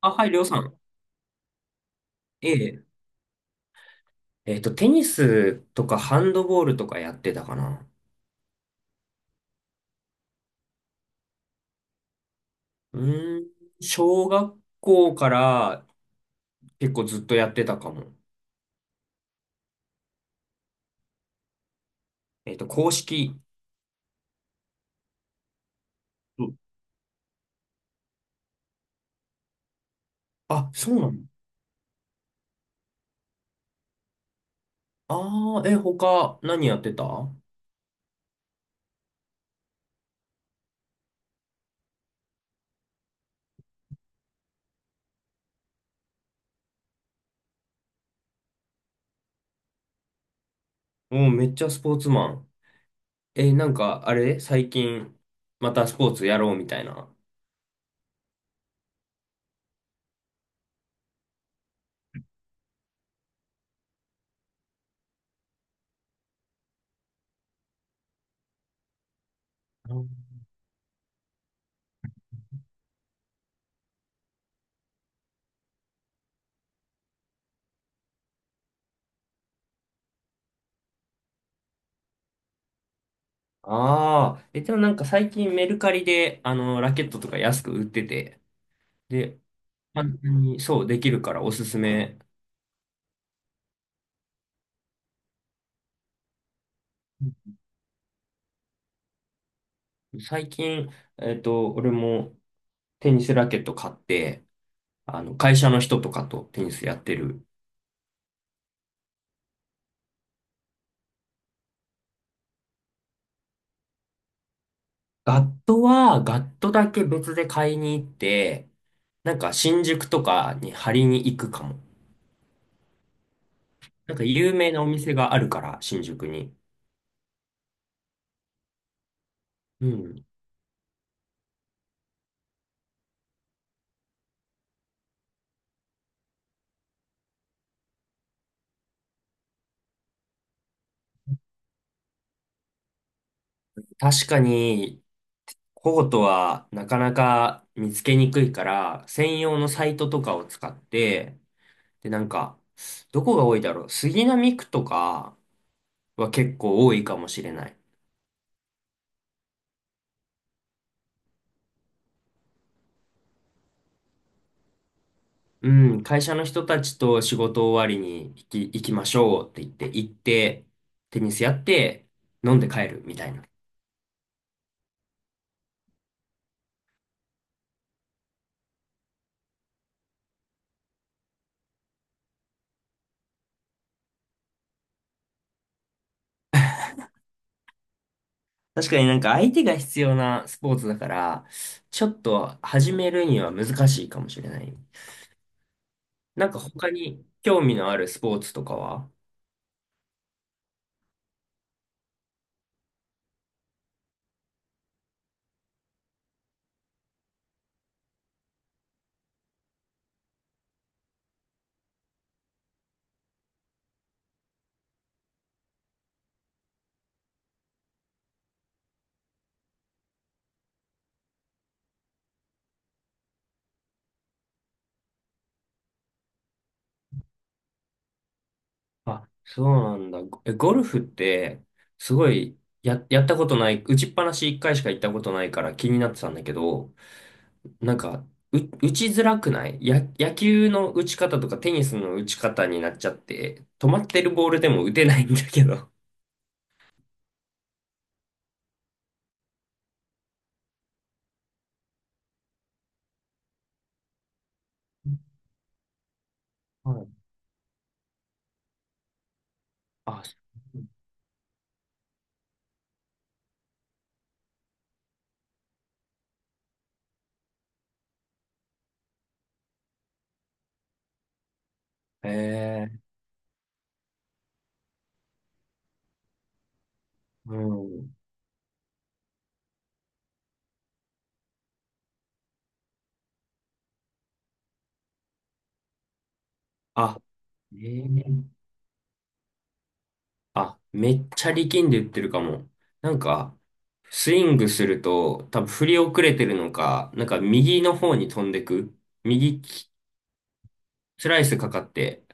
あ、はい、りょうさん。ええ。テニスとかハンドボールとかやってたかな。うーん、小学校から結構ずっとやってたかも。公式。うん。あ、そうなの。ああ、他何やってたも。めっちゃスポーツマン。なんか、あれ最近、またスポーツやろうみたいな。ああー、でもなんか最近メルカリで、ラケットとか安く売ってて、で、簡単に、そう、できるからおすすめ。最近、俺もテニスラケット買って、会社の人とかとテニスやってる。ガットだけ別で買いに行って、なんか新宿とかに張りに行くかも。なんか有名なお店があるから、新宿に。うん。確かに、コートはなかなか見つけにくいから、専用のサイトとかを使って、で、なんか、どこが多いだろう。杉並区とかは結構多いかもしれない。うん、会社の人たちと仕事終わりに行きましょうって言って、行って、テニスやって、飲んで帰るみたいな。確かになんか相手が必要なスポーツだから、ちょっと始めるには難しいかもしれない。なんか他に興味のあるスポーツとかは？あ、そうなんだ。ゴルフって、すごい、やったことない、打ちっぱなし一回しか行ったことないから気になってたんだけど、なんか、打ちづらくないや、野球の打ち方とかテニスの打ち方になっちゃって、止まってるボールでも打てないんだけど。はい。あ、そう。へえ、うん。あ、えーあ、めっちゃ力んで打ってるかも。なんか、スイングすると、多分振り遅れてるのか、なんか右の方に飛んでく。右き、スライスかかって。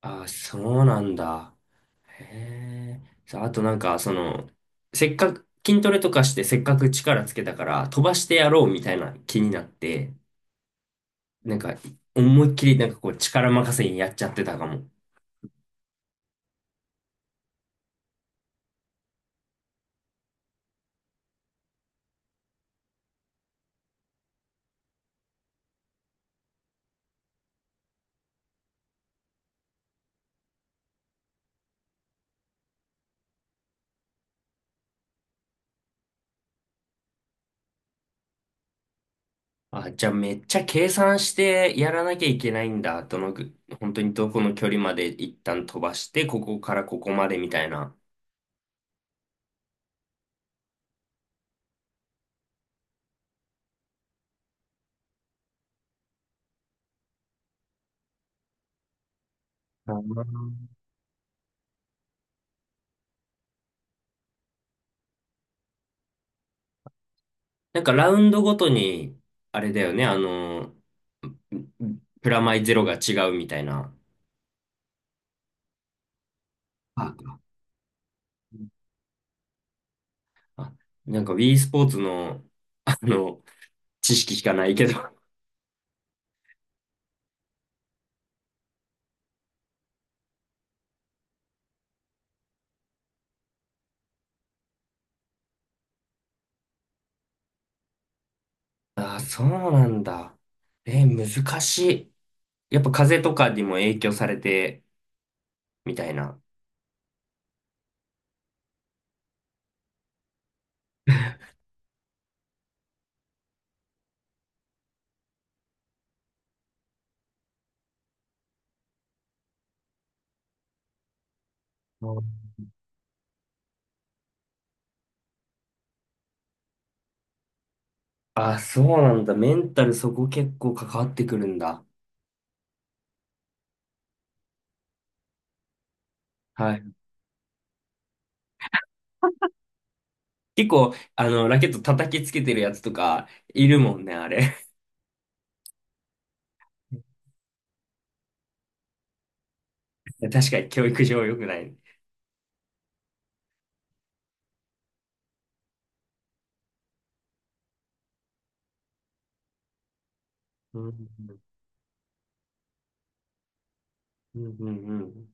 あ、そうなんだ。へえ。さあ、あとなんか、せっかく、筋トレとかしてせっかく力つけたから飛ばしてやろうみたいな気になって、なんか思いっきりなんかこう力任せにやっちゃってたかも。あ、じゃあめっちゃ計算してやらなきゃいけないんだ。どのぐ、本当にどこの距離まで一旦飛ばして、ここからここまでみたいな。あー。なんかラウンドごとに、あれだよね、プラマイゼロが違うみたいな。ああ、なんかウィースポーツの、あの、知識しかないけど。ああ、そうなんだ。難しい。やっぱ風邪とかにも影響されて、みたいな。ああ、そうなんだ。メンタルそこ結構関わってくるんだ。はい。結構、ラケット叩きつけてるやつとか、いるもんね、あれ。確かに教育上良くない。うん、うん、うん、うん。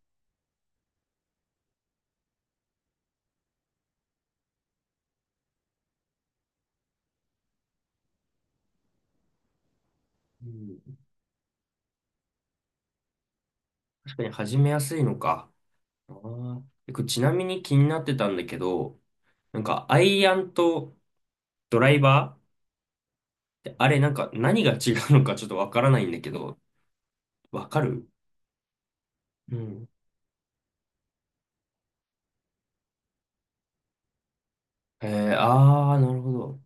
うん。確かに始めやすいのか。あー。これちなみに気になってたんだけど、なんか、アイアンとドライバーってあれ、なんか、何が違うのかちょっとわからないんだけど、わかる？うん。へえ、ああ、なるほど。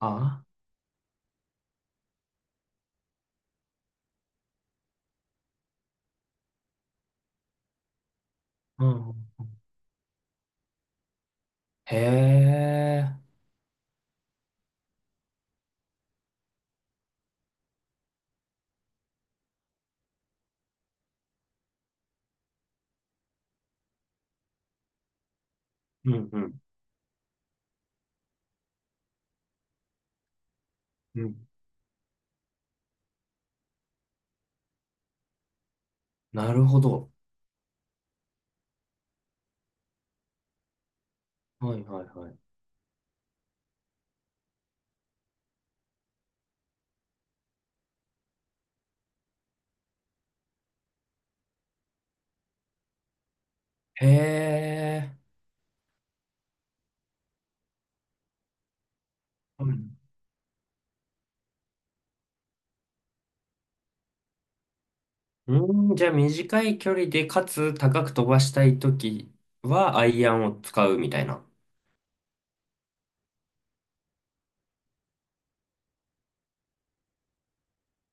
ああ、うん。へえ、うんうん。うん。なるほど。はいはいはい。へえ、うん。うん、じゃあ短い距離で、かつ高く飛ばしたいときは、アイアンを使うみたいな。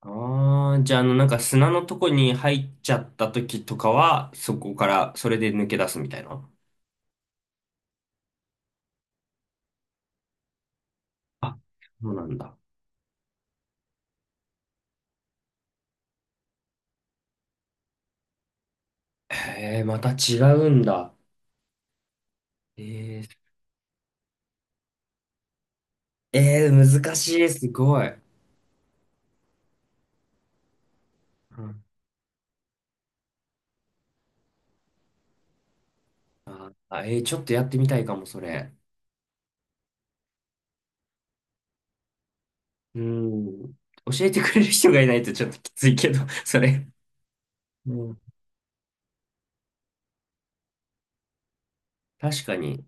ああ、じゃあ、なんか砂のとこに入っちゃった時とかは、そこから、それで抜け出すみたいな。あ、そうなんだ。へえ、また違うんだ。えー、えー、難しい、すごい。うん。あ、ちょっとやってみたいかも、それ。うん。教えてくれる人がいないとちょっときついけど、それ。うん。確かに。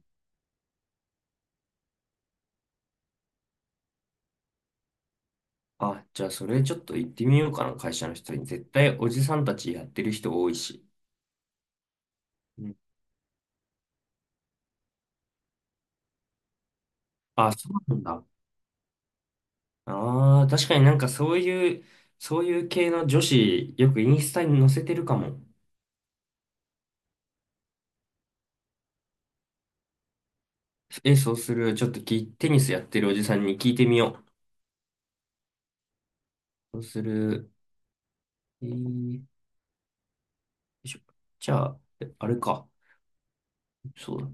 あ、じゃあ、それちょっと行ってみようかな、会社の人に。絶対、おじさんたちやってる人多いし。うん。あ、そうなんだ。ああ、確かになんかそういう系の女子、よくインスタに載せてるかも。え、そうする。ちょっとテニスやってるおじさんに聞いてみよう。そうする。よいしょ、じゃあ、あれか。そうだ。